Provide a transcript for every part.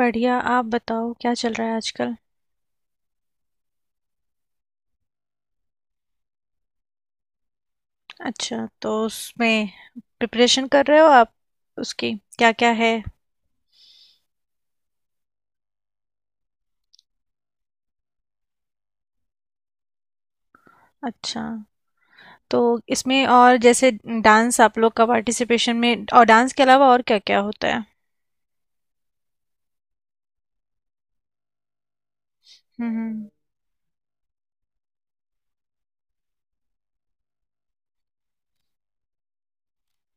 बढ़िया आप बताओ क्या चल रहा है आजकल। अच्छा तो उसमें प्रिपरेशन कर रहे हो आप उसकी क्या क्या है। अच्छा तो इसमें और जैसे डांस आप लोग का पार्टिसिपेशन में और डांस के अलावा और क्या क्या होता है। हम्म।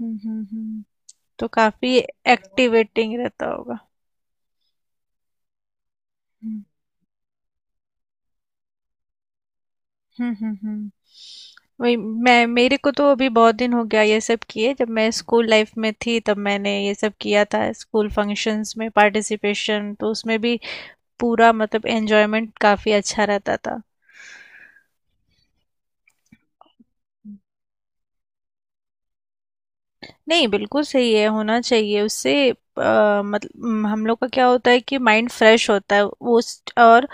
हम्म हम्म। हम्म, तो काफी एक्टिवेटिंग रहता होगा। हम्म हम्म। वही मैं मेरे को तो अभी बहुत दिन हो गया ये सब किए जब मैं स्कूल लाइफ में थी तब मैंने ये सब किया था स्कूल फंक्शंस में पार्टिसिपेशन तो उसमें भी पूरा मतलब एन्जॉयमेंट काफ़ी अच्छा रहता था। नहीं, बिल्कुल सही है, होना चाहिए उससे मतलब हम लोग का क्या होता है कि माइंड फ्रेश होता है उस और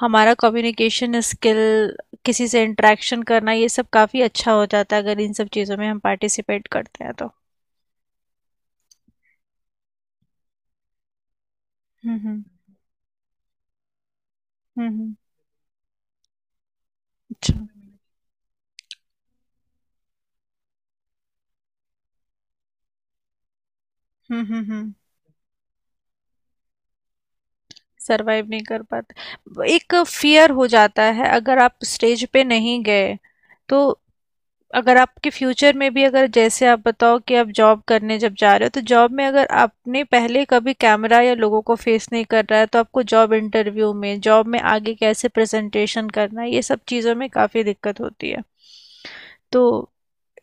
हमारा कम्युनिकेशन स्किल, किसी से इंटरेक्शन करना ये सब काफ़ी अच्छा हो जाता है अगर इन सब चीज़ों में हम पार्टिसिपेट करते हैं तो। हुँ, हुँ। हुँ, हुँ। अच्छा। हुँ, हुँ, हुँ। सर्वाइव नहीं कर पाते। एक फ़ियर हो जाता है अगर आप स्टेज पे नहीं गए, तो अगर आपके फ्यूचर में भी अगर जैसे आप बताओ कि आप जॉब करने जब जा रहे हो तो जॉब में अगर आपने पहले कभी कैमरा या लोगों को फेस नहीं कर रहा है तो आपको जॉब इंटरव्यू में जॉब में आगे कैसे प्रेजेंटेशन करना है ये सब चीज़ों में काफ़ी दिक्कत होती है तो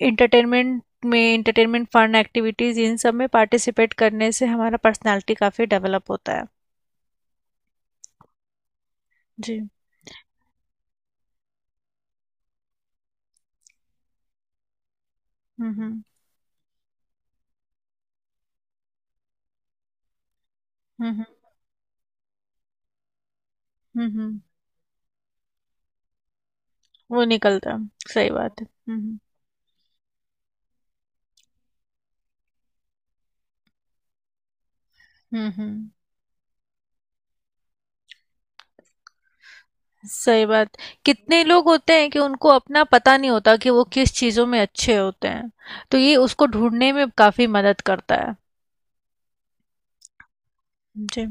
इंटरटेनमेंट में इंटरटेनमेंट फन एक्टिविटीज़ इन सब में पार्टिसिपेट करने से हमारा पर्सनालिटी काफ़ी डेवलप होता है। जी। हम्म हम्म हम्म। हम्म, हम्म, हम्म, वो निकलता है। सही बात है। हम्म। सही बात। कितने लोग होते हैं कि उनको अपना पता नहीं होता कि वो किस चीज़ों में अच्छे होते हैं। तो ये उसको ढूँढने में काफ़ी मदद करता है। जी।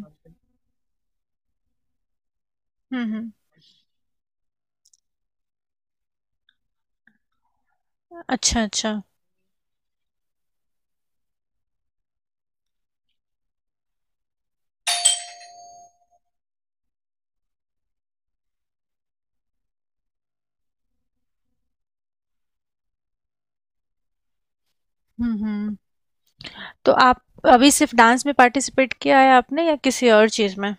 हुँ, हुँ। अच्छा, अच्छा। हुँ, हुँ। तो आप अभी सिर्फ़ डांस में पार्टिसिपेट किया है आपने या किसी और चीज़ में?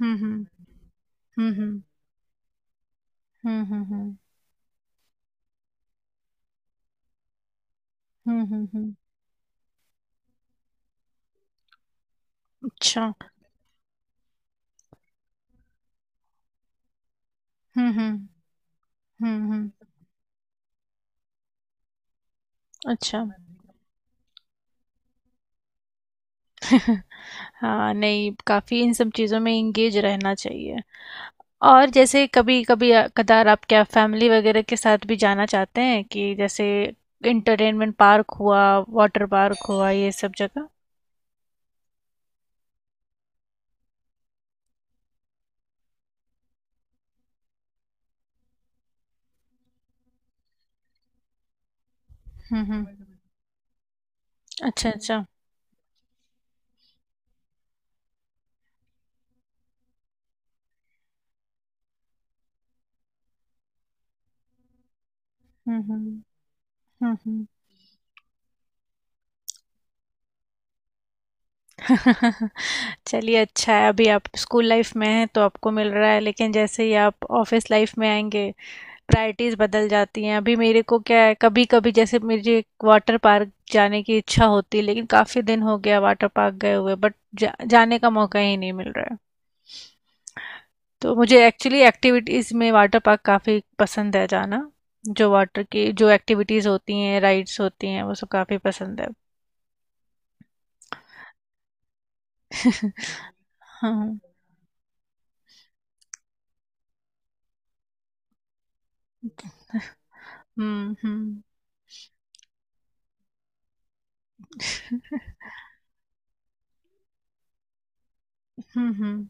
हुँ, हुँ। हुँ, हुँ। हुँ, हुँ, हुँ। हुँ, हुँ, हुँ। अच्छा। हुँ, हुँ। हुँ, हुँ। अच्छा। हाँ, नहीं काफ़ी इन सब चीज़ों में इंगेज रहना चाहिए और जैसे कभी कभी कदार आप क्या फैमिली वगैरह के साथ भी जाना चाहते हैं कि जैसे इंटरटेनमेंट पार्क हुआ वाटर पार्क हुआ ये सब जगह। हम्म। अच्छा अच्छा। हम्म। हम्म हम्म। चलिए अच्छा है अभी आप स्कूल लाइफ में हैं तो आपको मिल रहा है लेकिन जैसे ही आप ऑफिस लाइफ में आएंगे प्रायोरिटीज़ बदल जाती हैं अभी मेरे को क्या है कभी कभी जैसे मुझे वाटर पार्क जाने की इच्छा होती है लेकिन काफ़ी दिन हो गया वाटर पार्क गए हुए बट जाने का मौका ही नहीं मिल रहा है तो मुझे एक्चुअली एक्टिविटीज़ में वाटर पार्क काफ़ी पसंद है जाना, जो वाटर की जो एक्टिविटीज़ होती हैं राइड्स होती हैं वो सब काफ़ी पसंद है। हाँ। हम्म। हम्म।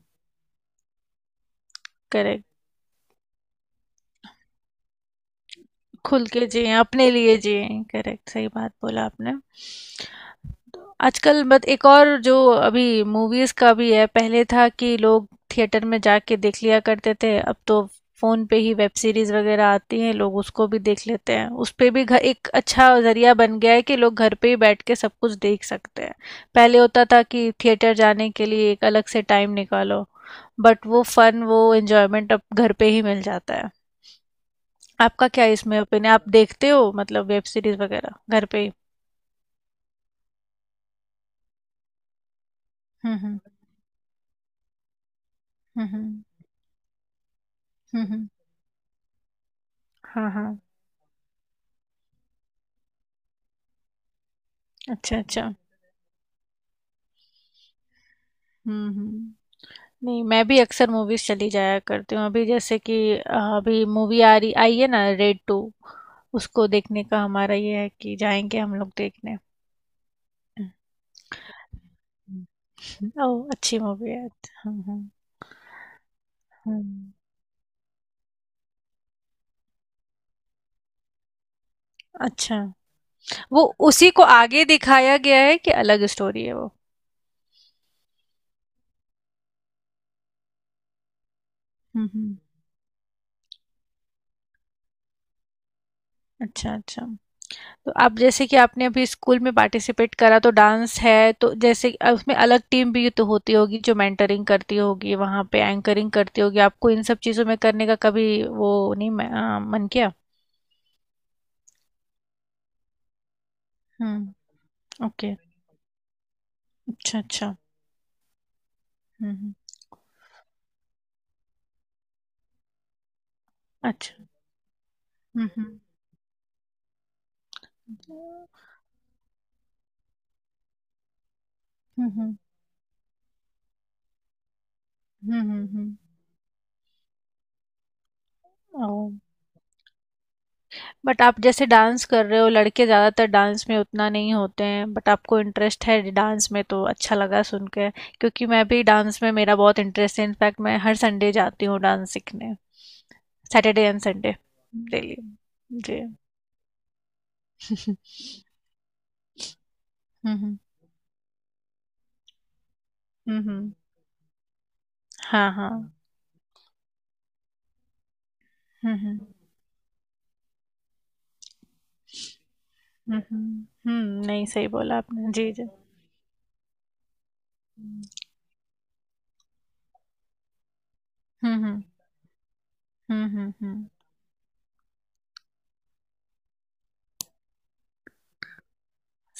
करेक्ट। खुल के जिए अपने लिए जिए। करेक्ट सही बात बोला आपने। आजकल बट एक और जो अभी मूवीज का भी है पहले था कि लोग थिएटर में जाके देख लिया करते थे अब तो फोन पे ही वेब सीरीज वगैरह आती हैं लोग उसको भी देख लेते हैं उस पे भी घर एक अच्छा जरिया बन गया है कि लोग घर पे ही बैठ के सब कुछ देख सकते हैं। पहले होता था कि थिएटर जाने के लिए एक अलग से टाइम निकालो बट वो फन वो एंजॉयमेंट अब घर पे ही मिल जाता है। आपका क्या इसमें ओपिनियन आप देखते हो मतलब वेब सीरीज वगैरह घर पे ही? हम्म। हम्म। हम्म। हाँ हाँ। अच्छा, अच्छा। हुँ, हुँ। नहीं, मैं भी अक्सर मूवीज़ चली जाया करती हूँ। अभी जैसे कि अभी मूवी आ रही आई है ना रेड 2, उसको देखने का हमारा ये है कि जाएँगे हम लोग देखने। ओह! अच्छी मूवी है। हुँ, हुँ। हुँ। अच्छा। वो उसी को आगे दिखाया गया है कि अलग स्टोरी है वो? हुँ, हुँ। अच्छा, अच्छा। तो आप जैसे कि आपने अभी स्कूल में पार्टिसिपेट करा तो डांस है तो जैसे उसमें अलग टीम भी तो होती होगी जो मेंटरिंग करती होगी वहां पे एंकरिंग करती होगी आपको इन सब चीजों में करने का कभी वो नहीं मन किया। हम्म। ओके। अच्छा अच्छा। हम्म हम्म, अच्छा। हम्म। हम्म हम्म हम्म हम्म, हम्म, ओ। बट आप जैसे डांस कर रहे हो लड़के ज़्यादातर डांस में उतना नहीं होते हैं बट आपको इंटरेस्ट है डांस में तो अच्छा लगा सुन के, क्योंकि मैं भी डांस में मेरा बहुत इंटरेस्ट है इनफैक्ट मैं हर संडे जाती हूँ डांस सीखने, सैटरडे एंड संडे, डेली। जी। हम्म। हम्म हम्म, हाँ हाँ। हम्म। नहीं सही बोला आपने। जी जी। हम्म। हम्म हम्म।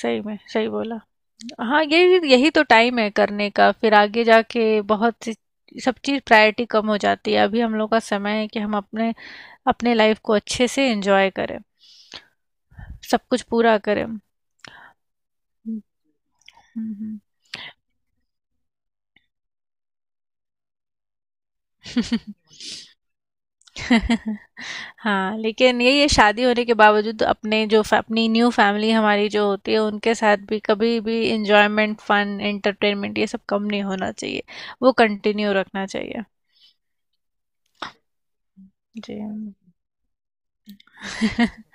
सही में सही बोला। हाँ यही यही तो टाइम है करने का फिर आगे जाके बहुत सब चीज़ प्रायोरिटी कम हो जाती है अभी हम लोग का समय है कि हम अपने अपने लाइफ को अच्छे से एंजॉय करें, सब कुछ पूरा करें। हम्म, हम्म, हम्म। हाँ लेकिन यही है शादी होने के बावजूद अपने जो अपनी न्यू फैमिली हमारी जो होती है उनके साथ भी कभी भी एंजॉयमेंट फन एंटरटेनमेंट ये सब कम नहीं होना चाहिए, वो कंटिन्यू रखना चाहिए। जी।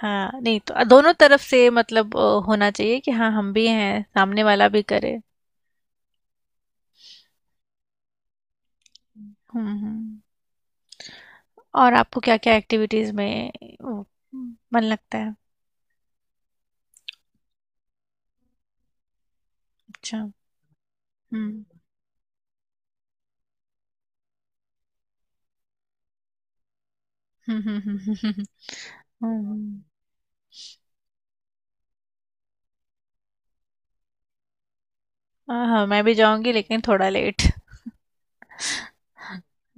हाँ नहीं तो दोनों तरफ से मतलब होना चाहिए कि हाँ हम भी हैं सामने वाला भी करे। हम्म हम्म। और आपको क्या क्या एक्टिविटीज में वो, मन लगता है? अच्छा। हम्म। हम्म हम्म हम्म हम्म, हम्म। हम्म। हाँ हाँ, मैं भी जाऊंगी लेकिन थोड़ा लेट।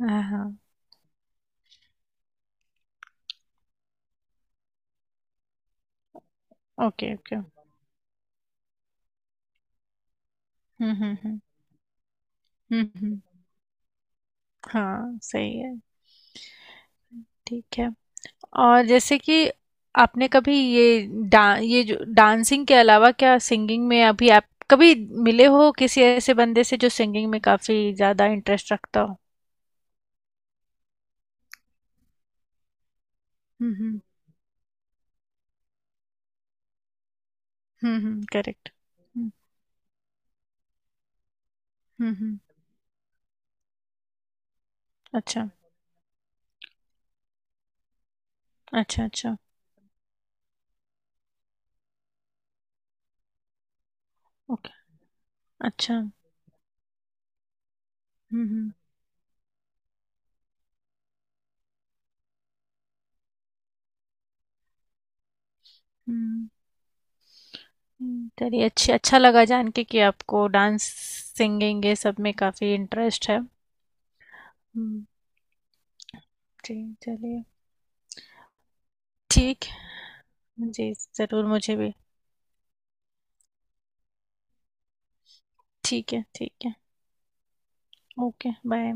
हाँ हाँ। Okay okay. हम्म। हम्म हम्म। हाँ सही है। ठीक है। और जैसे कि आपने कभी ये डा ये जो डांसिंग के अलावा क्या सिंगिंग में अभी आप कभी मिले हो किसी ऐसे बंदे से जो सिंगिंग में काफ़ी ज़्यादा इंटरेस्ट रखता हो? हुँ, हुँ। हुँ, हुँ, करेक्ट। हुँ, हुँ, हुँ। अच्छा, अच्छा, अच्छा। ओके, अच्छा। हुँ, हुँ, हुँ, हुँ। चलिए अच्छी अच्छा लगा जान के कि आपको डांस, सिंगिंग ये सब में काफ़ी इंटरेस्ट है। हुँ, जी, चलिए। ठीक है। जी, ज़रूर मुझे भी। ठीक है, ठीक है। Okay, bye.